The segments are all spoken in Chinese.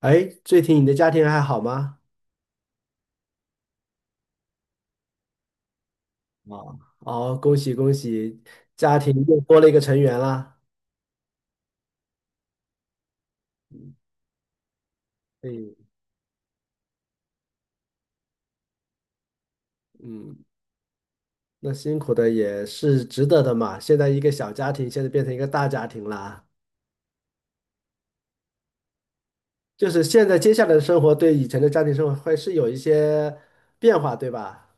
哎，最近你的家庭还好吗？啊，哦，恭喜恭喜，家庭又多了一个成员啦。嗯嗯，那辛苦的也是值得的嘛。现在一个小家庭，现在变成一个大家庭啦。就是现在接下来的生活对以前的家庭生活会是有一些变化，对吧？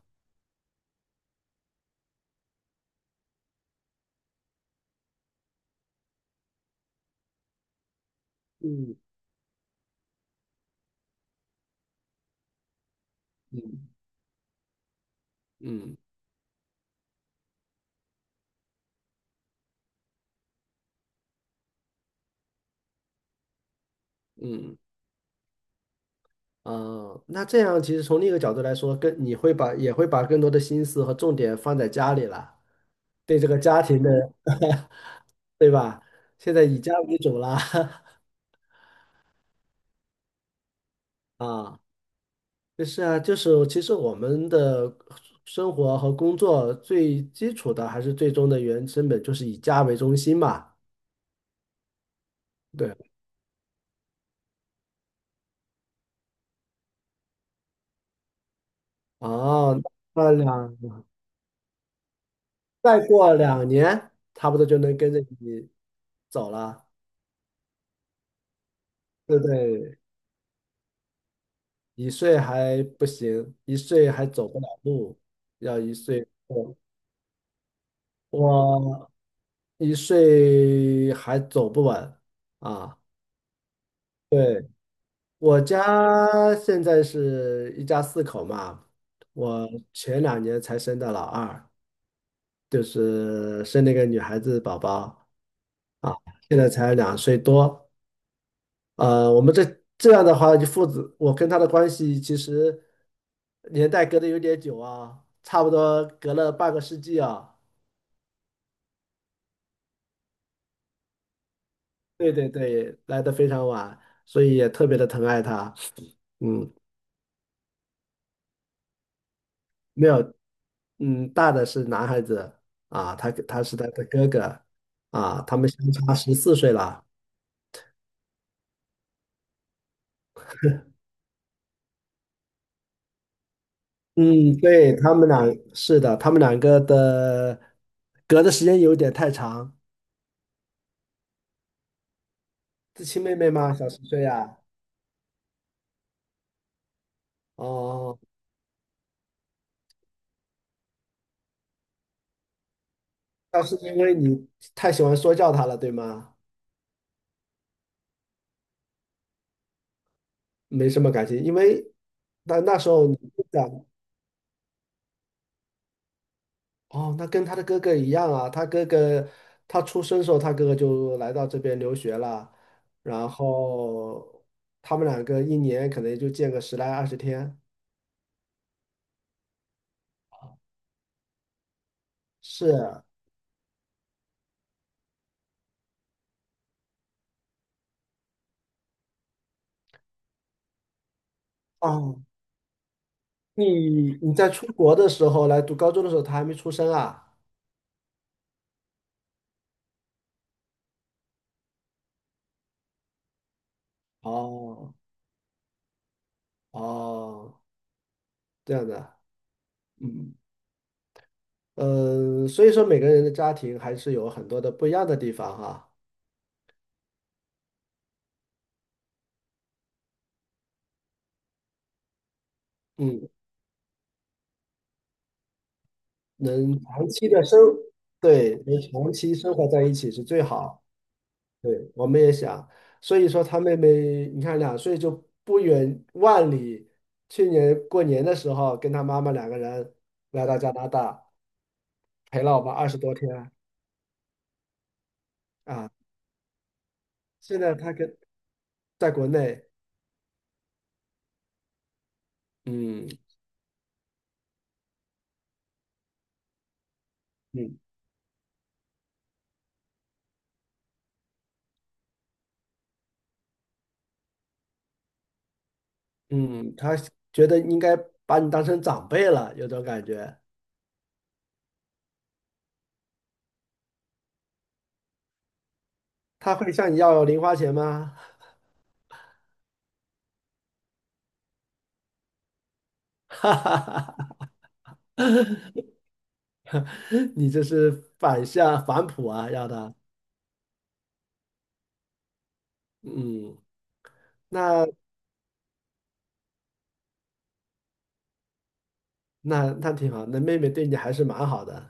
嗯嗯，嗯嗯，哦，那这样其实从另一个角度来说，跟你会把也会把更多的心思和重点放在家里了，对这个家庭的。对吧？现在以家为主啦，啊，就是啊，就是其实我们的生活和工作最基础的还是最终的原成本就是以家为中心嘛。对，哦，那两再过2年，差不多就能跟着你走了，对不对？一岁还不行，一岁还走不了路，要一岁后，我一岁还走不稳啊。对。我家现在是一家四口嘛，我前2年才生的老二，就是生了一个女孩子宝宝啊，现在才2岁多。我们这样的话，就父子我跟他的关系其实年代隔得有点久啊，差不多隔了半个世纪啊。对对对，来的非常晚，所以也特别的疼爱他。嗯，没有，嗯，大的是男孩子啊，他是他的哥哥啊，他们相差14岁了。嗯，对，他们俩是的，他们两个的隔的时间有点太长。是亲妹妹吗？小10岁啊？哦，那是因为你太喜欢说教他了，对吗？没什么感情，因为那时候你不讲哦，那跟他的哥哥一样啊，他哥哥他出生的时候，他哥哥就来到这边留学了，然后他们两个一年可能就见个十来二十天。是，哦，你在出国的时候来读高中的时候，他还没出生啊？哦哦，这样的，嗯所以说每个人的家庭还是有很多的不一样的地方哈，嗯，能长期的生，对，能长期生活在一起是最好。对，我们也想，所以说他妹妹，你看两岁就不远万里，去年过年的时候跟他妈妈两个人来到加拿大，陪了我们20多天啊。现在他跟在国内，嗯嗯嗯，他觉得应该把你当成长辈了，有种感觉。他会向你要零花钱吗？哈哈哈哈，你这是反向反哺啊，要的。嗯，那那挺好，那妹妹对你还是蛮好的啊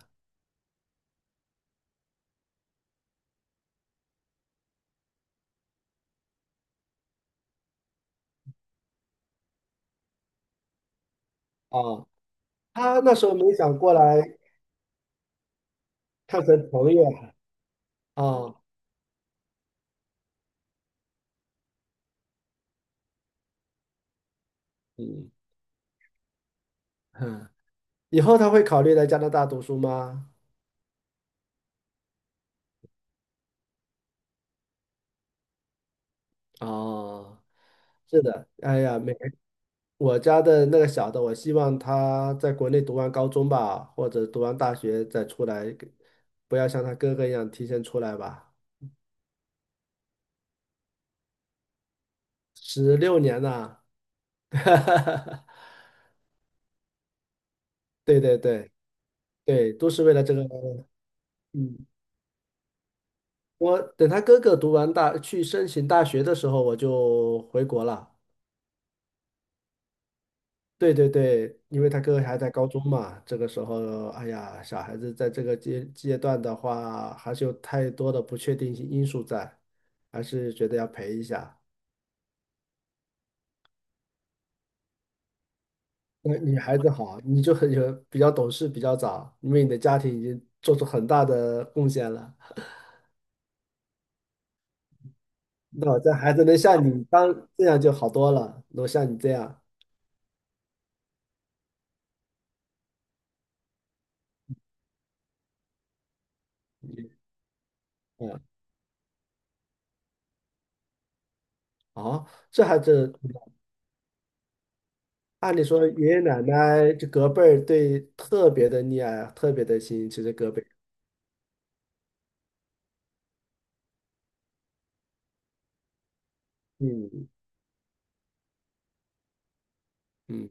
哦。她那时候没想过来看成朋友啊，哦嗯嗯，以后她会考虑来加拿大读书吗？哦，是的，哎呀，每我家的那个小的，我希望他在国内读完高中吧，或者读完大学再出来，不要像他哥哥一样提前出来吧。16年呐、对对对对，都是为了这个，嗯，我等他哥哥读完大，去申请大学的时候，我就回国了。对对对，因为他哥哥还在高中嘛，这个时候，哎呀，小孩子在这个阶段的话，还是有太多的不确定性因素在，还是觉得要陪一下。那女孩子好，你就很有比较懂事，比较早，因为你的家庭已经做出很大的贡献了。那我这孩子能像你当这样就好多了，能像你这样，嗯，哦，这孩子。按理说爷爷奶奶这隔辈儿对特别的溺爱啊，特别的心，其实隔辈，嗯嗯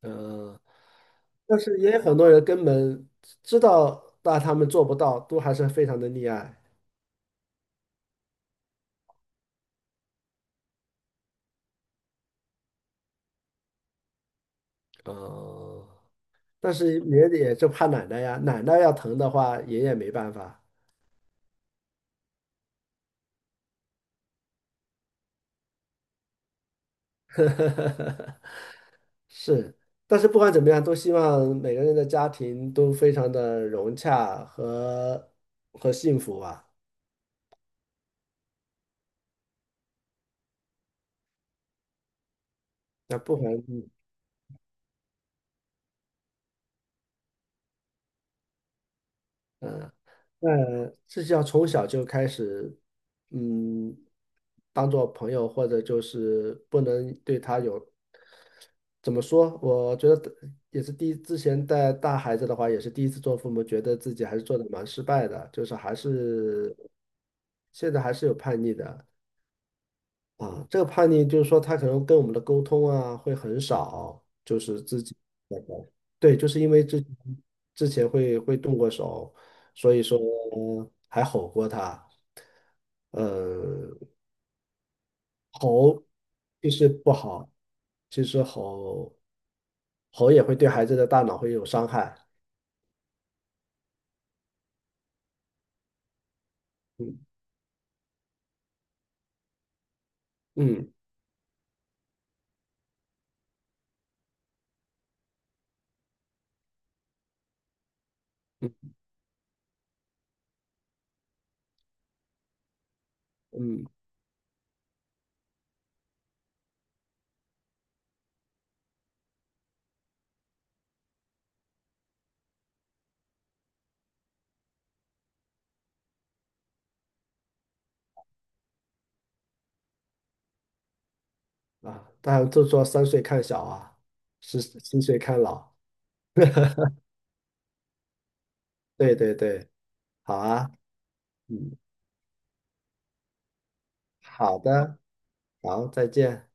呃，但是也有很多人根本知道，但他们做不到，都还是非常的溺爱。哦，但是爷爷也就怕奶奶呀，奶奶要疼的话，爷爷没办法。是，但是不管怎么样，都希望每个人的家庭都非常的融洽和和幸福吧。那不管嗯，那这就要从小就开始，嗯，当做朋友，或者就是不能对他有，怎么说？我觉得也是第一，之前带大孩子的话，也是第一次做父母，觉得自己还是做的蛮失败的，就是还是现在还是有叛逆的，啊，这个叛逆就是说他可能跟我们的沟通啊会很少，就是自己那个，对，就是因为之前会动过手，所以说还吼过他，呃，吼其实不好，其实吼也会对孩子的大脑会有伤害，嗯嗯嗯嗯啊，当然就说三岁看小啊，十七岁看老，对对对，好啊。嗯。好的，好，再见。